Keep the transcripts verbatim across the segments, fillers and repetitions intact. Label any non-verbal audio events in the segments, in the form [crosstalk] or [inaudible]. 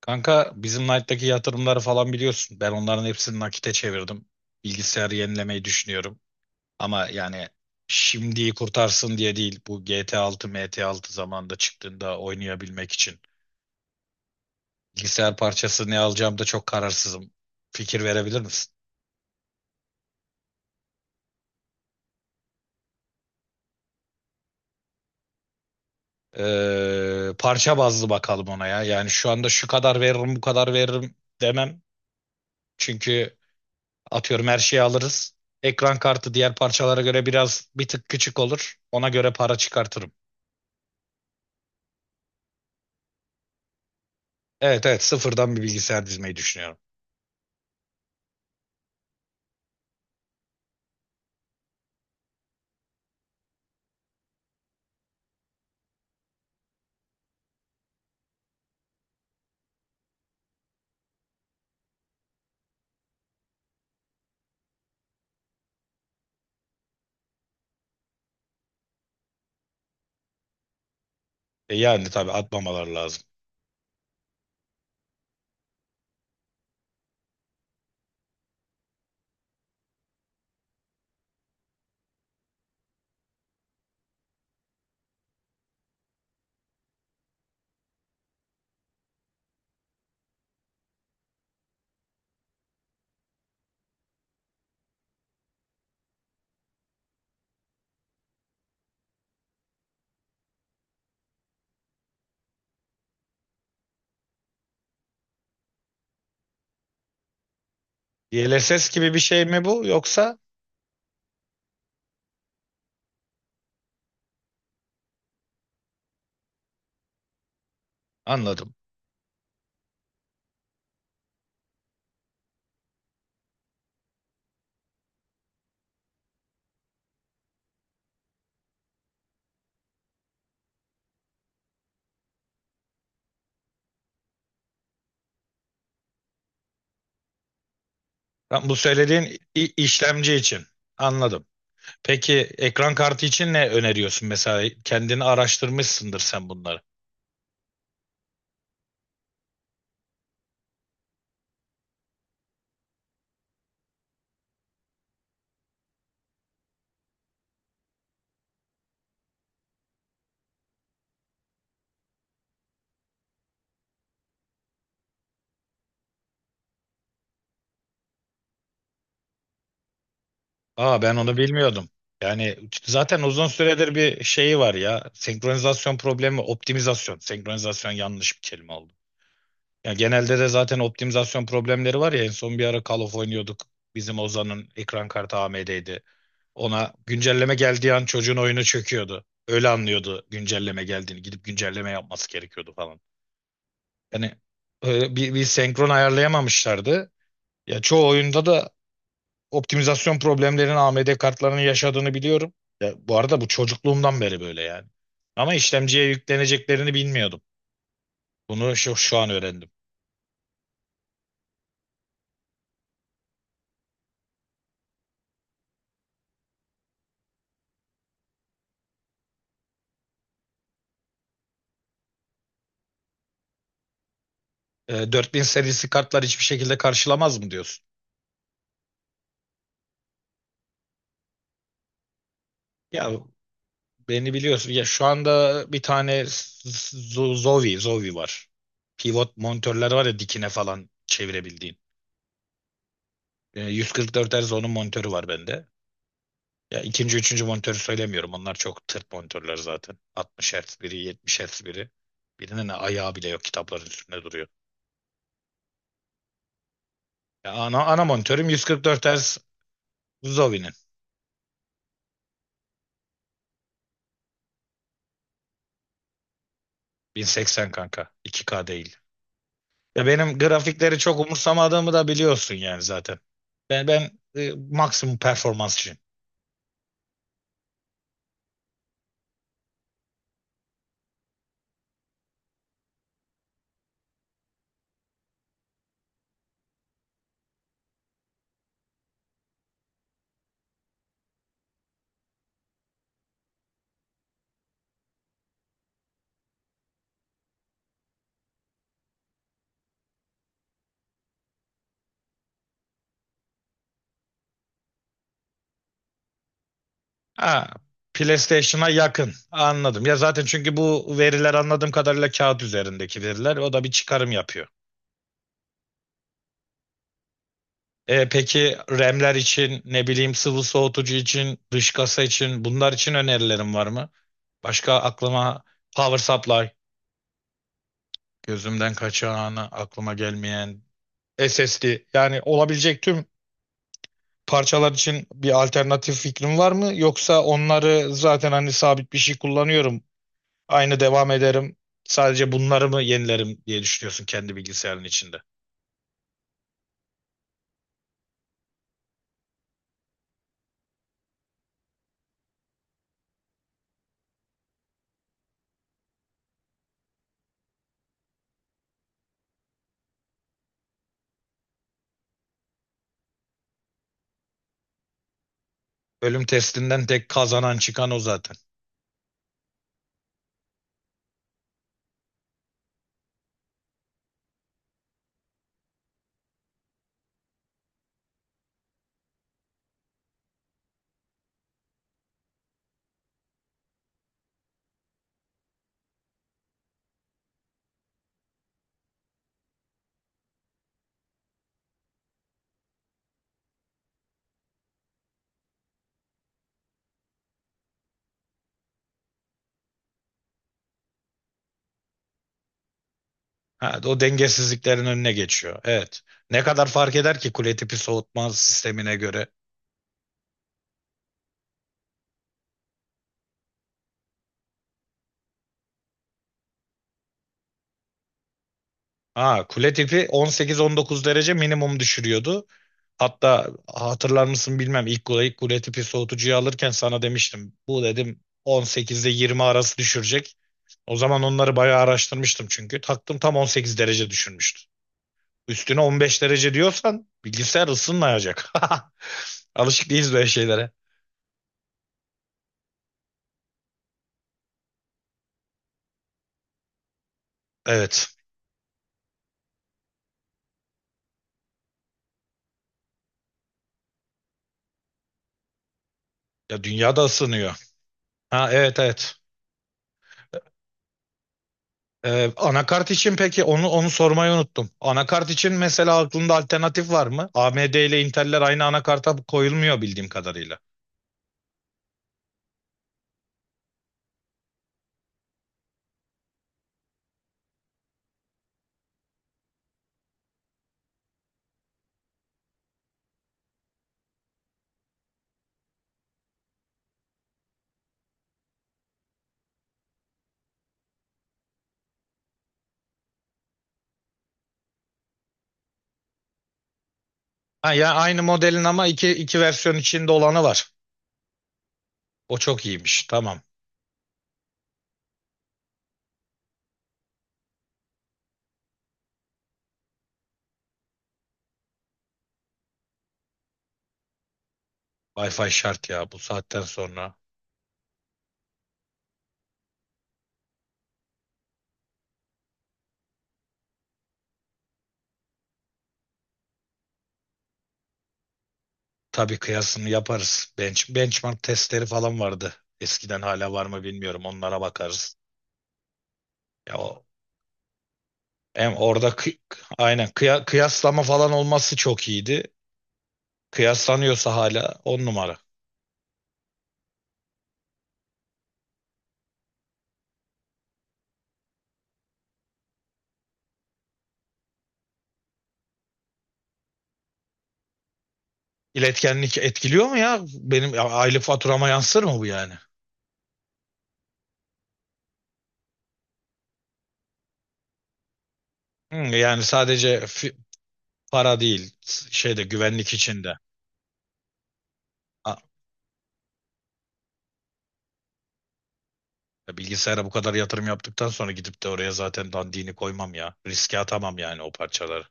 Kanka bizim Knight'taki yatırımları falan biliyorsun. Ben onların hepsini nakite çevirdim. Bilgisayarı yenilemeyi düşünüyorum. Ama yani şimdiyi kurtarsın diye değil. Bu G T altı, M T altı zamanında çıktığında oynayabilmek için. Bilgisayar parçası ne alacağım da çok kararsızım. Fikir verebilir misin? Ee, parça bazlı bakalım ona ya. Yani şu anda şu kadar veririm, bu kadar veririm demem. Çünkü atıyorum her şeyi alırız. Ekran kartı diğer parçalara göre biraz bir tık küçük olur. Ona göre para çıkartırım. Evet, evet, sıfırdan bir bilgisayar dizmeyi düşünüyorum. E, yani tabii atmamaları lazım. D L S S gibi bir şey mi bu yoksa? Anladım. Lan bu söylediğin i- işlemci için. Anladım. Peki ekran kartı için ne öneriyorsun mesela? Kendini araştırmışsındır sen bunları. Aa, ben onu bilmiyordum. Yani zaten uzun süredir bir şeyi var ya. Senkronizasyon problemi, optimizasyon. Senkronizasyon yanlış bir kelime oldu. Ya genelde de zaten optimizasyon problemleri var ya, en son bir ara Call of oynuyorduk. Bizim Ozan'ın ekran kartı A M D'ydi. Ona güncelleme geldiği an çocuğun oyunu çöküyordu. Öyle anlıyordu güncelleme geldiğini. Gidip güncelleme yapması gerekiyordu falan. Yani e, bir, bir senkron ayarlayamamışlardı. Ya çoğu oyunda da optimizasyon problemlerinin A M D kartlarının yaşadığını biliyorum. Ya bu arada bu çocukluğumdan beri böyle yani. Ama işlemciye yükleneceklerini bilmiyordum. Bunu şu, şu an öğrendim. E, dört bin serisi kartlar hiçbir şekilde karşılamaz mı diyorsun? Ya beni biliyorsun. Ya şu anda bir tane Z- Zowie, Zowie var. Pivot monitörler var ya, dikine falan çevirebildiğin. E, yüz kırk dört Hz onun monitörü var bende. Ya ikinci, üçüncü monitörü söylemiyorum. Onlar çok tırt monitörler zaten. altmış Hz biri, yetmiş Hz biri. Birinin ayağı bile yok, kitapların üstünde duruyor. Ya ana, ana monitörüm yüz kırk dört Hz Zowie'nin. bin seksen kanka. iki K değil. Ya benim grafikleri çok umursamadığımı da biliyorsun yani zaten. Ben ben e, maksimum performansçıyım. Ha, PlayStation'a yakın. Anladım. Ya zaten, çünkü bu veriler anladığım kadarıyla kağıt üzerindeki veriler. O da bir çıkarım yapıyor. E, peki R A M'ler için, ne bileyim sıvı soğutucu için, dış kasa için, bunlar için önerilerim var mı? Başka aklıma power supply, gözümden kaçanı, aklıma gelmeyen S S D, yani olabilecek tüm parçalar için bir alternatif fikrim var mı? Yoksa onları zaten hani sabit bir şey kullanıyorum. Aynı devam ederim. Sadece bunları mı yenilerim diye düşünüyorsun kendi bilgisayarın içinde. Bölüm testinden tek kazanan çıkan o zaten. Ha, o dengesizliklerin önüne geçiyor. Evet. Ne kadar fark eder ki kule tipi soğutma sistemine göre? Ha, kule tipi on sekiz on dokuz derece minimum düşürüyordu. Hatta hatırlar mısın bilmem, ilk kule, ilk kule tipi soğutucuyu alırken sana demiştim. Bu dedim on sekiz ile yirmi arası düşürecek. O zaman onları bayağı araştırmıştım çünkü. Taktım, tam on sekiz derece düşürmüştü. Üstüne on beş derece diyorsan bilgisayar ısınmayacak. [laughs] Alışık değiliz böyle şeylere. Evet. Ya dünya da ısınıyor. Ha, evet, evet. Ee, anakart için peki, onu onu sormayı unuttum. Anakart için mesela aklında alternatif var mı? A M D ile Intel'ler aynı anakarta koyulmuyor bildiğim kadarıyla. Ha ya, aynı modelin ama iki iki versiyon içinde olanı var. O çok iyiymiş. Tamam. Wi-Fi şart ya bu saatten sonra. Tabii, kıyasını yaparız. Bench, benchmark testleri falan vardı. Eskiden, hala var mı bilmiyorum. Onlara bakarız. Ya o, hem orada kı- Aynen kıya- kıyaslama falan olması çok iyiydi. Kıyaslanıyorsa hala on numara. İletkenlik etkiliyor mu ya? Benim aylık faturama yansır mı bu yani? Hı, yani sadece fi- para değil, s- şeyde, güvenlik içinde. Ha, bilgisayara bu kadar yatırım yaptıktan sonra gidip de oraya zaten dandini koymam ya. Riske atamam yani o parçaları.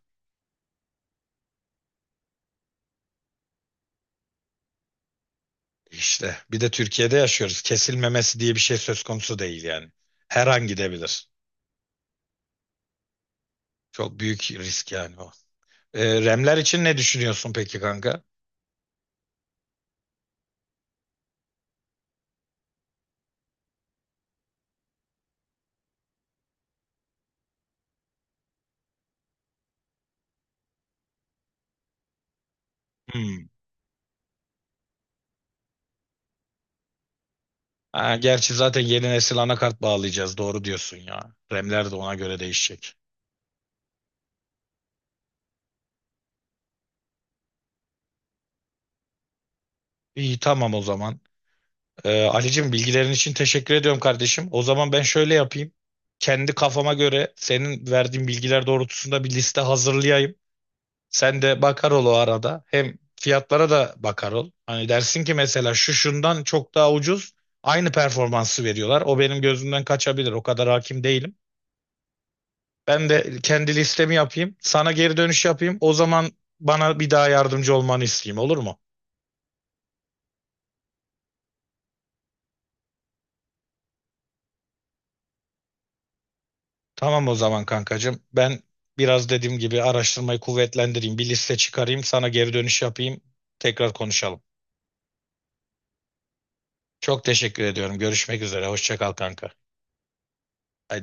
İşte bir de Türkiye'de yaşıyoruz. Kesilmemesi diye bir şey söz konusu değil yani. Her an gidebilir. Çok büyük risk yani o. Ee, remler için ne düşünüyorsun peki kanka? Hmm. Ha, gerçi zaten yeni nesil anakart bağlayacağız. Doğru diyorsun ya. R A M'ler de ona göre değişecek. İyi, tamam o zaman. Ee, Ali'cim bilgilerin için teşekkür ediyorum kardeşim. O zaman ben şöyle yapayım. Kendi kafama göre senin verdiğin bilgiler doğrultusunda bir liste hazırlayayım. Sen de bakar ol o arada. Hem fiyatlara da bakar ol. Hani dersin ki mesela şu şundan çok daha ucuz. Aynı performansı veriyorlar. O benim gözümden kaçabilir. O kadar hakim değilim. Ben de kendi listemi yapayım. Sana geri dönüş yapayım. O zaman bana bir daha yardımcı olmanı isteyeyim, olur mu? Tamam o zaman kankacığım. Ben biraz dediğim gibi araştırmayı kuvvetlendireyim. Bir liste çıkarayım. Sana geri dönüş yapayım. Tekrar konuşalım. Çok teşekkür ediyorum. Görüşmek üzere. Hoşça kal kanka. Haydi